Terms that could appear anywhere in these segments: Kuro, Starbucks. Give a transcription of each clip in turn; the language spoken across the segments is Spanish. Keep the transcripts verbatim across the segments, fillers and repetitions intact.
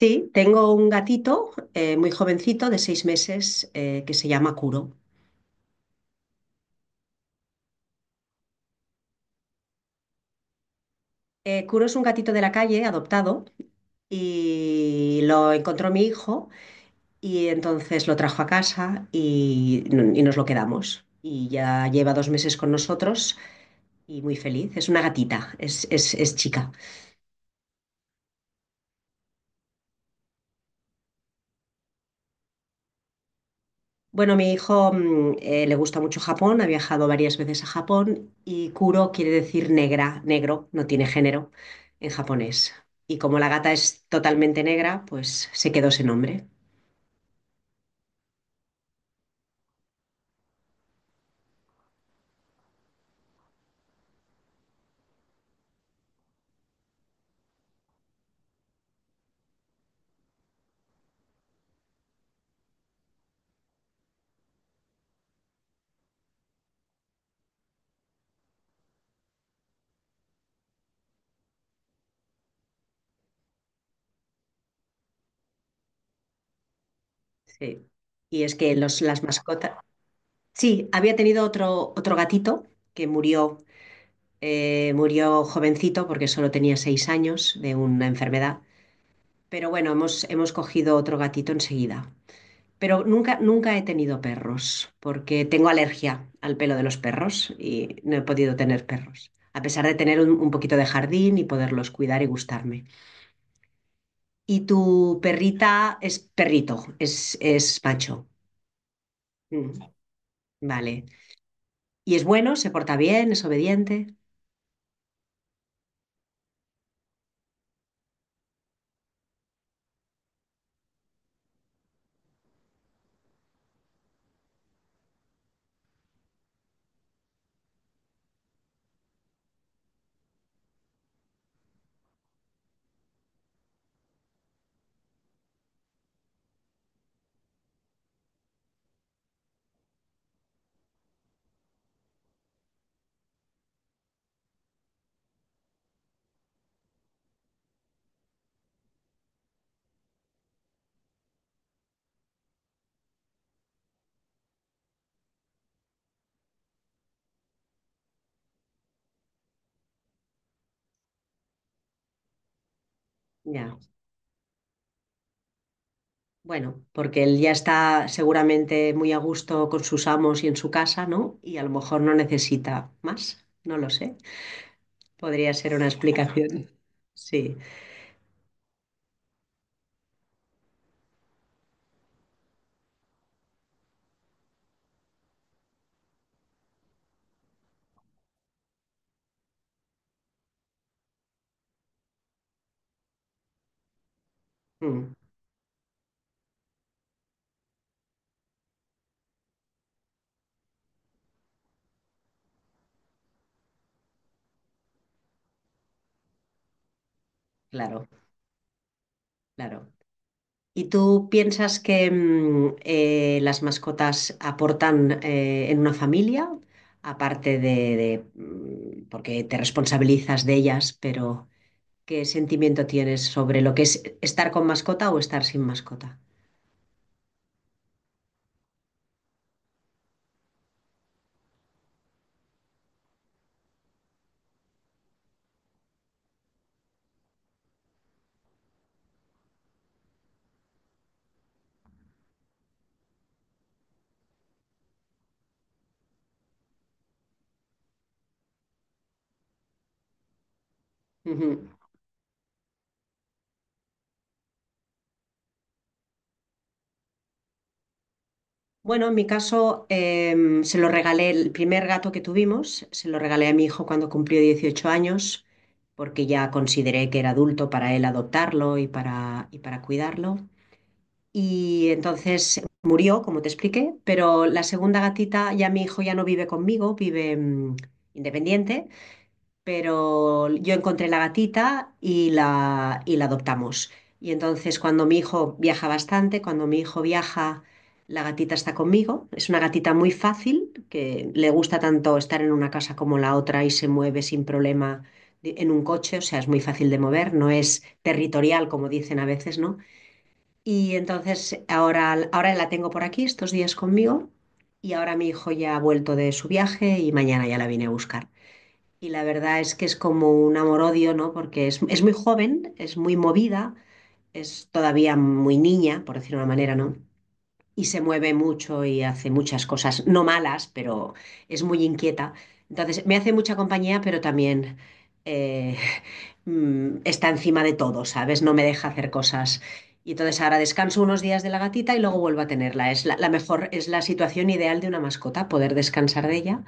Sí, tengo un gatito eh, muy jovencito de seis meses eh, que se llama Kuro. Eh, Kuro es un gatito de la calle adoptado y lo encontró mi hijo y entonces lo trajo a casa y, y nos lo quedamos. Y ya lleva dos meses con nosotros y muy feliz. Es una gatita, es, es, es chica. Bueno, mi hijo mm, eh, le gusta mucho Japón, ha viajado varias veces a Japón y Kuro quiere decir negra, negro, no tiene género en japonés. Y como la gata es totalmente negra, pues se quedó ese nombre. Sí. Y es que los, las mascotas... Sí, había tenido otro, otro gatito que murió, eh, murió jovencito porque solo tenía seis años de una enfermedad. Pero bueno, hemos, hemos cogido otro gatito enseguida. Pero nunca, nunca he tenido perros, porque tengo alergia al pelo de los perros y no he podido tener perros, a pesar de tener un, un poquito de jardín y poderlos cuidar y gustarme. Y tu perrita es perrito, es, es macho. Mm, vale. Y es bueno, se porta bien, es obediente. Ya. Bueno, porque él ya está seguramente muy a gusto con sus amos y en su casa, ¿no? Y a lo mejor no necesita más, no lo sé. Podría ser una explicación. Sí. Mm. Claro, claro. ¿Y tú piensas que mm, eh, las mascotas aportan eh, en una familia, aparte de, de, mm, porque te responsabilizas de ellas, pero qué sentimiento tienes sobre lo que es estar con mascota o estar sin mascota? Ujú. Bueno, en mi caso, em, se lo regalé, el primer gato que tuvimos, se lo regalé a mi hijo cuando cumplió dieciocho años, porque ya consideré que era adulto para él adoptarlo y para, y para cuidarlo. Y entonces murió, como te expliqué, pero la segunda gatita, ya mi hijo ya no vive conmigo, vive mm, independiente, pero yo encontré la gatita y la, y la adoptamos. Y entonces cuando mi hijo viaja bastante, cuando mi hijo viaja, la gatita está conmigo. Es una gatita muy fácil, que le gusta tanto estar en una casa como la otra y se mueve sin problema de- en un coche, o sea, es muy fácil de mover, no es territorial como dicen a veces, ¿no? Y entonces ahora, ahora la tengo por aquí, estos días conmigo, y ahora mi hijo ya ha vuelto de su viaje y mañana ya la vine a buscar. Y la verdad es que es como un amor-odio, ¿no? Porque es, es muy joven, es muy movida, es todavía muy niña, por decirlo de una manera, ¿no? Y se mueve mucho y hace muchas cosas, no malas, pero es muy inquieta. Entonces, me hace mucha compañía, pero también eh, mm, está encima de todo, ¿sabes? No me deja hacer cosas. Y entonces ahora descanso unos días de la gatita y luego vuelvo a tenerla. Es la, la mejor, es la situación ideal de una mascota, poder descansar de ella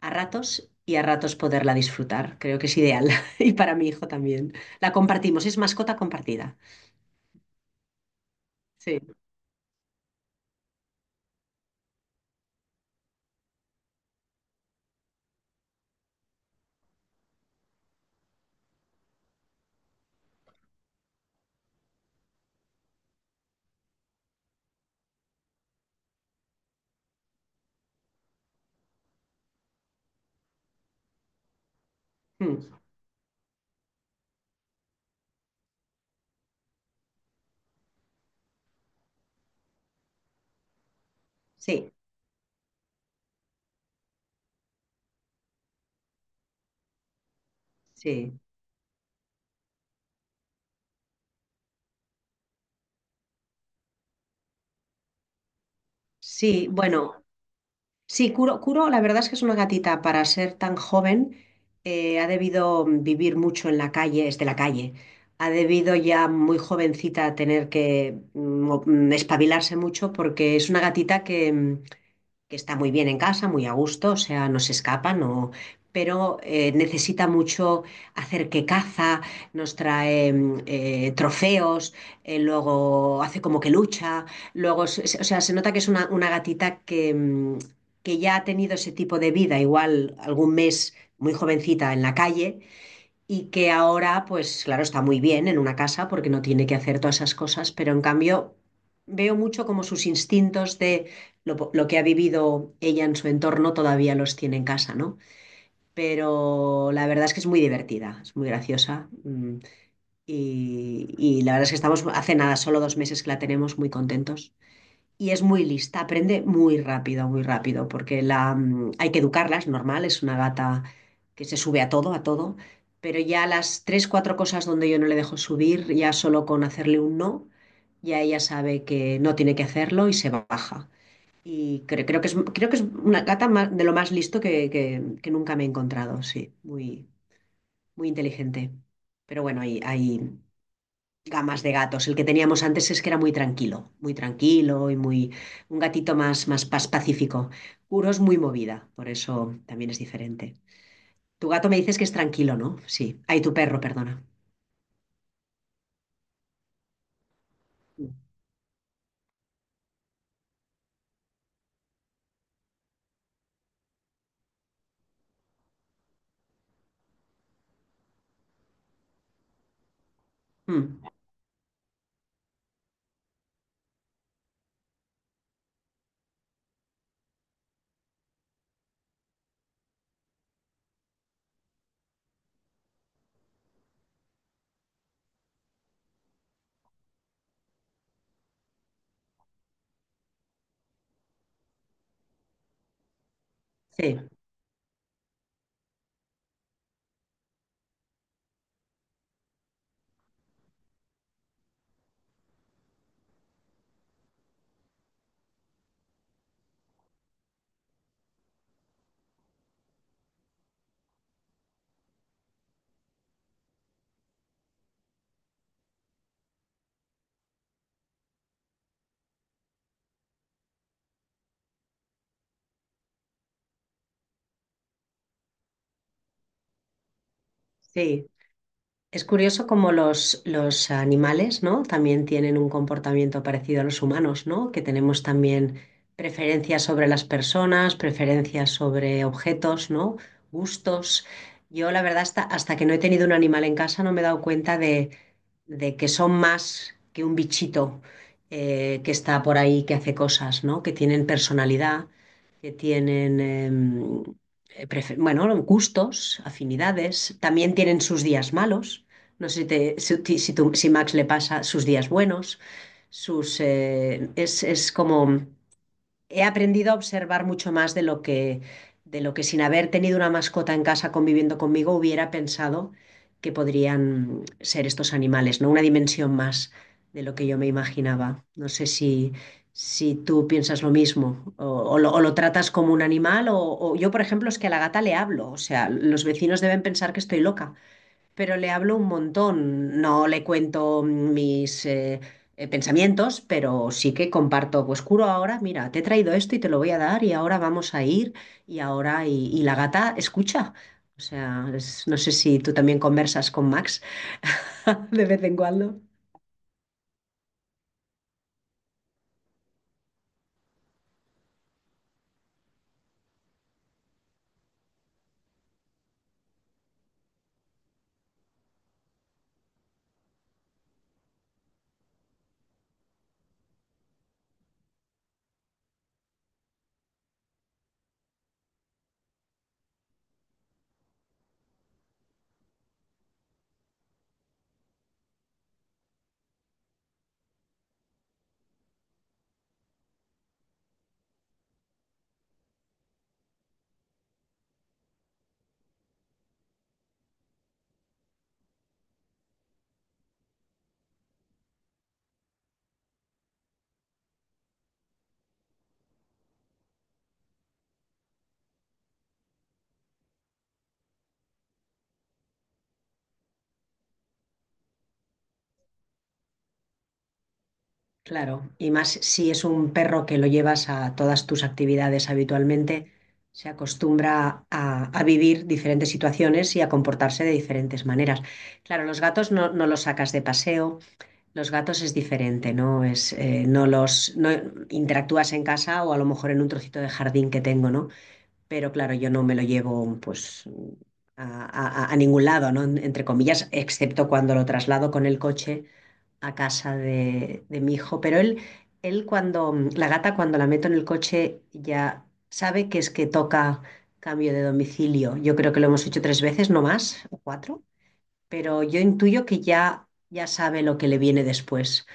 a ratos y a ratos poderla disfrutar. Creo que es ideal. Y para mi hijo también. La compartimos, es mascota compartida. Sí, mm, sí, sí. Sí, bueno. Sí, Kuro, Kuro, la verdad es que es una gatita para ser tan joven, eh, ha debido vivir mucho en la calle, es de la calle, ha debido ya muy jovencita tener que mm, mo- mm, espabilarse mucho porque es una gatita que, mm, que está muy bien en casa, muy a gusto, o sea, no se escapa, no, pero eh, necesita mucho hacer que caza, nos trae mm, eh, trofeos, eh, luego hace como que lucha, luego, es- es- o sea, se nota que es una, una gatita que, mm, que ya ha tenido ese tipo de vida, igual algún mes muy jovencita en la calle y que ahora, pues claro, está muy bien en una casa porque no tiene que hacer todas esas cosas, pero en cambio veo mucho como sus instintos de lo, po- lo que ha vivido ella en su entorno todavía los tiene en casa, ¿no? Pero la verdad es que es muy divertida, es muy graciosa mm, y, y la verdad es que estamos hace nada, solo dos meses que la tenemos muy contentos. Y es muy lista, aprende muy rápido, muy rápido, porque la, mm, hay que educarla, es normal, es una gata que se sube a todo, a todo, pero ya las tres, cuatro cosas donde yo no le dejo subir, ya solo con hacerle un no, ya ella sabe que no tiene que hacerlo y se baja. Y creo, creo que es, creo que es una gata ma- de lo más listo que, que- que nunca me he encontrado, sí, muy, muy inteligente. Pero bueno, hay, hay gamas de gatos. El que teníamos antes es que era muy tranquilo, muy tranquilo y muy un gatito más, más, pas- pacífico. Kuro es muy movida, por eso también es diferente. Tu gato me dices que es tranquilo, ¿no? Sí. Ay, tu perro, perdona. Mm, mm. Sí, sí. Es curioso cómo los, los animales, ¿no? También tienen un comportamiento parecido a los humanos, ¿no? Que tenemos también preferencias sobre las personas, preferencias sobre objetos, ¿no? Gustos. Yo, la verdad, hasta, hasta que no he tenido un animal en casa, no me he dado cuenta de que son más que un bichito eh, que está por ahí, que hace cosas, ¿no? Que tienen personalidad, que tienen, em, eh, prefe- bueno, gustos, afinidades, también tienen sus días malos. No sé si, te- si, ti- si tú- si Max le pasa sus días buenos, sus, eh, es, es como he aprendido a observar mucho más de lo que, de lo que sin haber tenido una mascota en casa conviviendo conmigo hubiera pensado que podrían ser estos animales, ¿no? Una dimensión más de lo que yo me imaginaba. No sé si, si tú piensas lo mismo o, o lo, o lo tratas como un animal o, o yo, por ejemplo, es que a la gata le hablo. O sea, los vecinos deben pensar que estoy loca, pero le hablo un montón. No le cuento mis eh, eh, pensamientos, pero sí que comparto, pues curo ahora, mira, te he traído esto y te lo voy a dar y ahora vamos a ir y ahora y, y la gata escucha. O sea, es- no sé si tú también conversas con Max de vez en cuando. Claro, y más si es un perro que lo llevas a todas tus actividades habitualmente, se acostumbra a, a vivir diferentes situaciones y a comportarse de diferentes maneras. Claro, los gatos no, no los sacas de paseo, los gatos es diferente, ¿no? Es, eh, no los no interactúas en casa o a lo mejor en un trocito de jardín que tengo, ¿no? Pero claro, yo no me lo llevo pues a, a- a ningún lado, ¿no? Entre comillas, excepto cuando lo traslado con el coche a casa de, de mi hijo, pero él, él cuando, la gata cuando la meto en el coche ya sabe que es que toca cambio de domicilio. Yo creo que lo hemos hecho tres veces, no más, o cuatro, pero yo intuyo que ya, ya sabe lo que le viene después.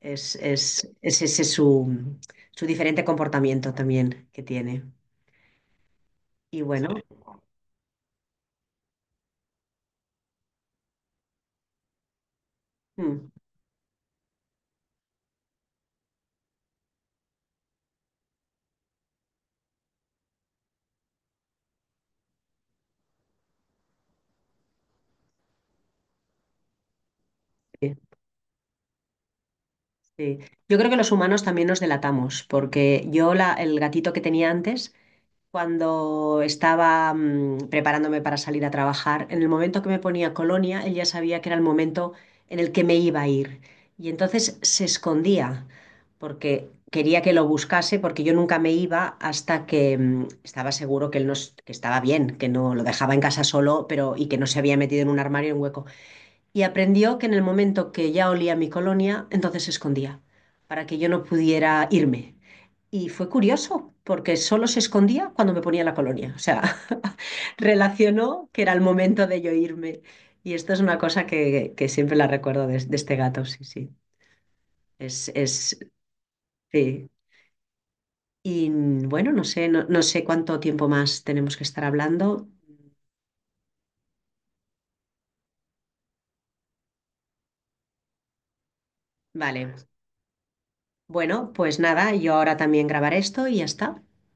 Es, es, es ese su, su diferente comportamiento también que tiene. Y sí, bueno. Sí. Mm, sí, sí. Yo creo que los humanos también nos delatamos, porque yo la, el gatito que tenía antes cuando estaba mm, preparándome para salir a trabajar, en el momento que me ponía colonia, él ya sabía que era el momento en el que me iba a ir. Y entonces se escondía, porque quería que lo buscase, porque yo nunca me iba hasta que mm, estaba seguro que él no, es- que estaba bien, que no lo dejaba en casa solo, pero y que no se había metido en un armario en un hueco y aprendió que en el momento que ya olía mi colonia, entonces se escondía, para que yo no pudiera irme. Y fue curioso, porque solo se escondía cuando me ponía la colonia. O sea, relacionó que era el momento de yo irme. Y esto es una cosa que, que siempre la recuerdo de, de este gato, sí, sí. Es, es, sí. Y bueno, no sé, no, no sé cuánto tiempo más tenemos que estar hablando. Vale. Bueno, pues nada, yo ahora también grabaré esto y ya está.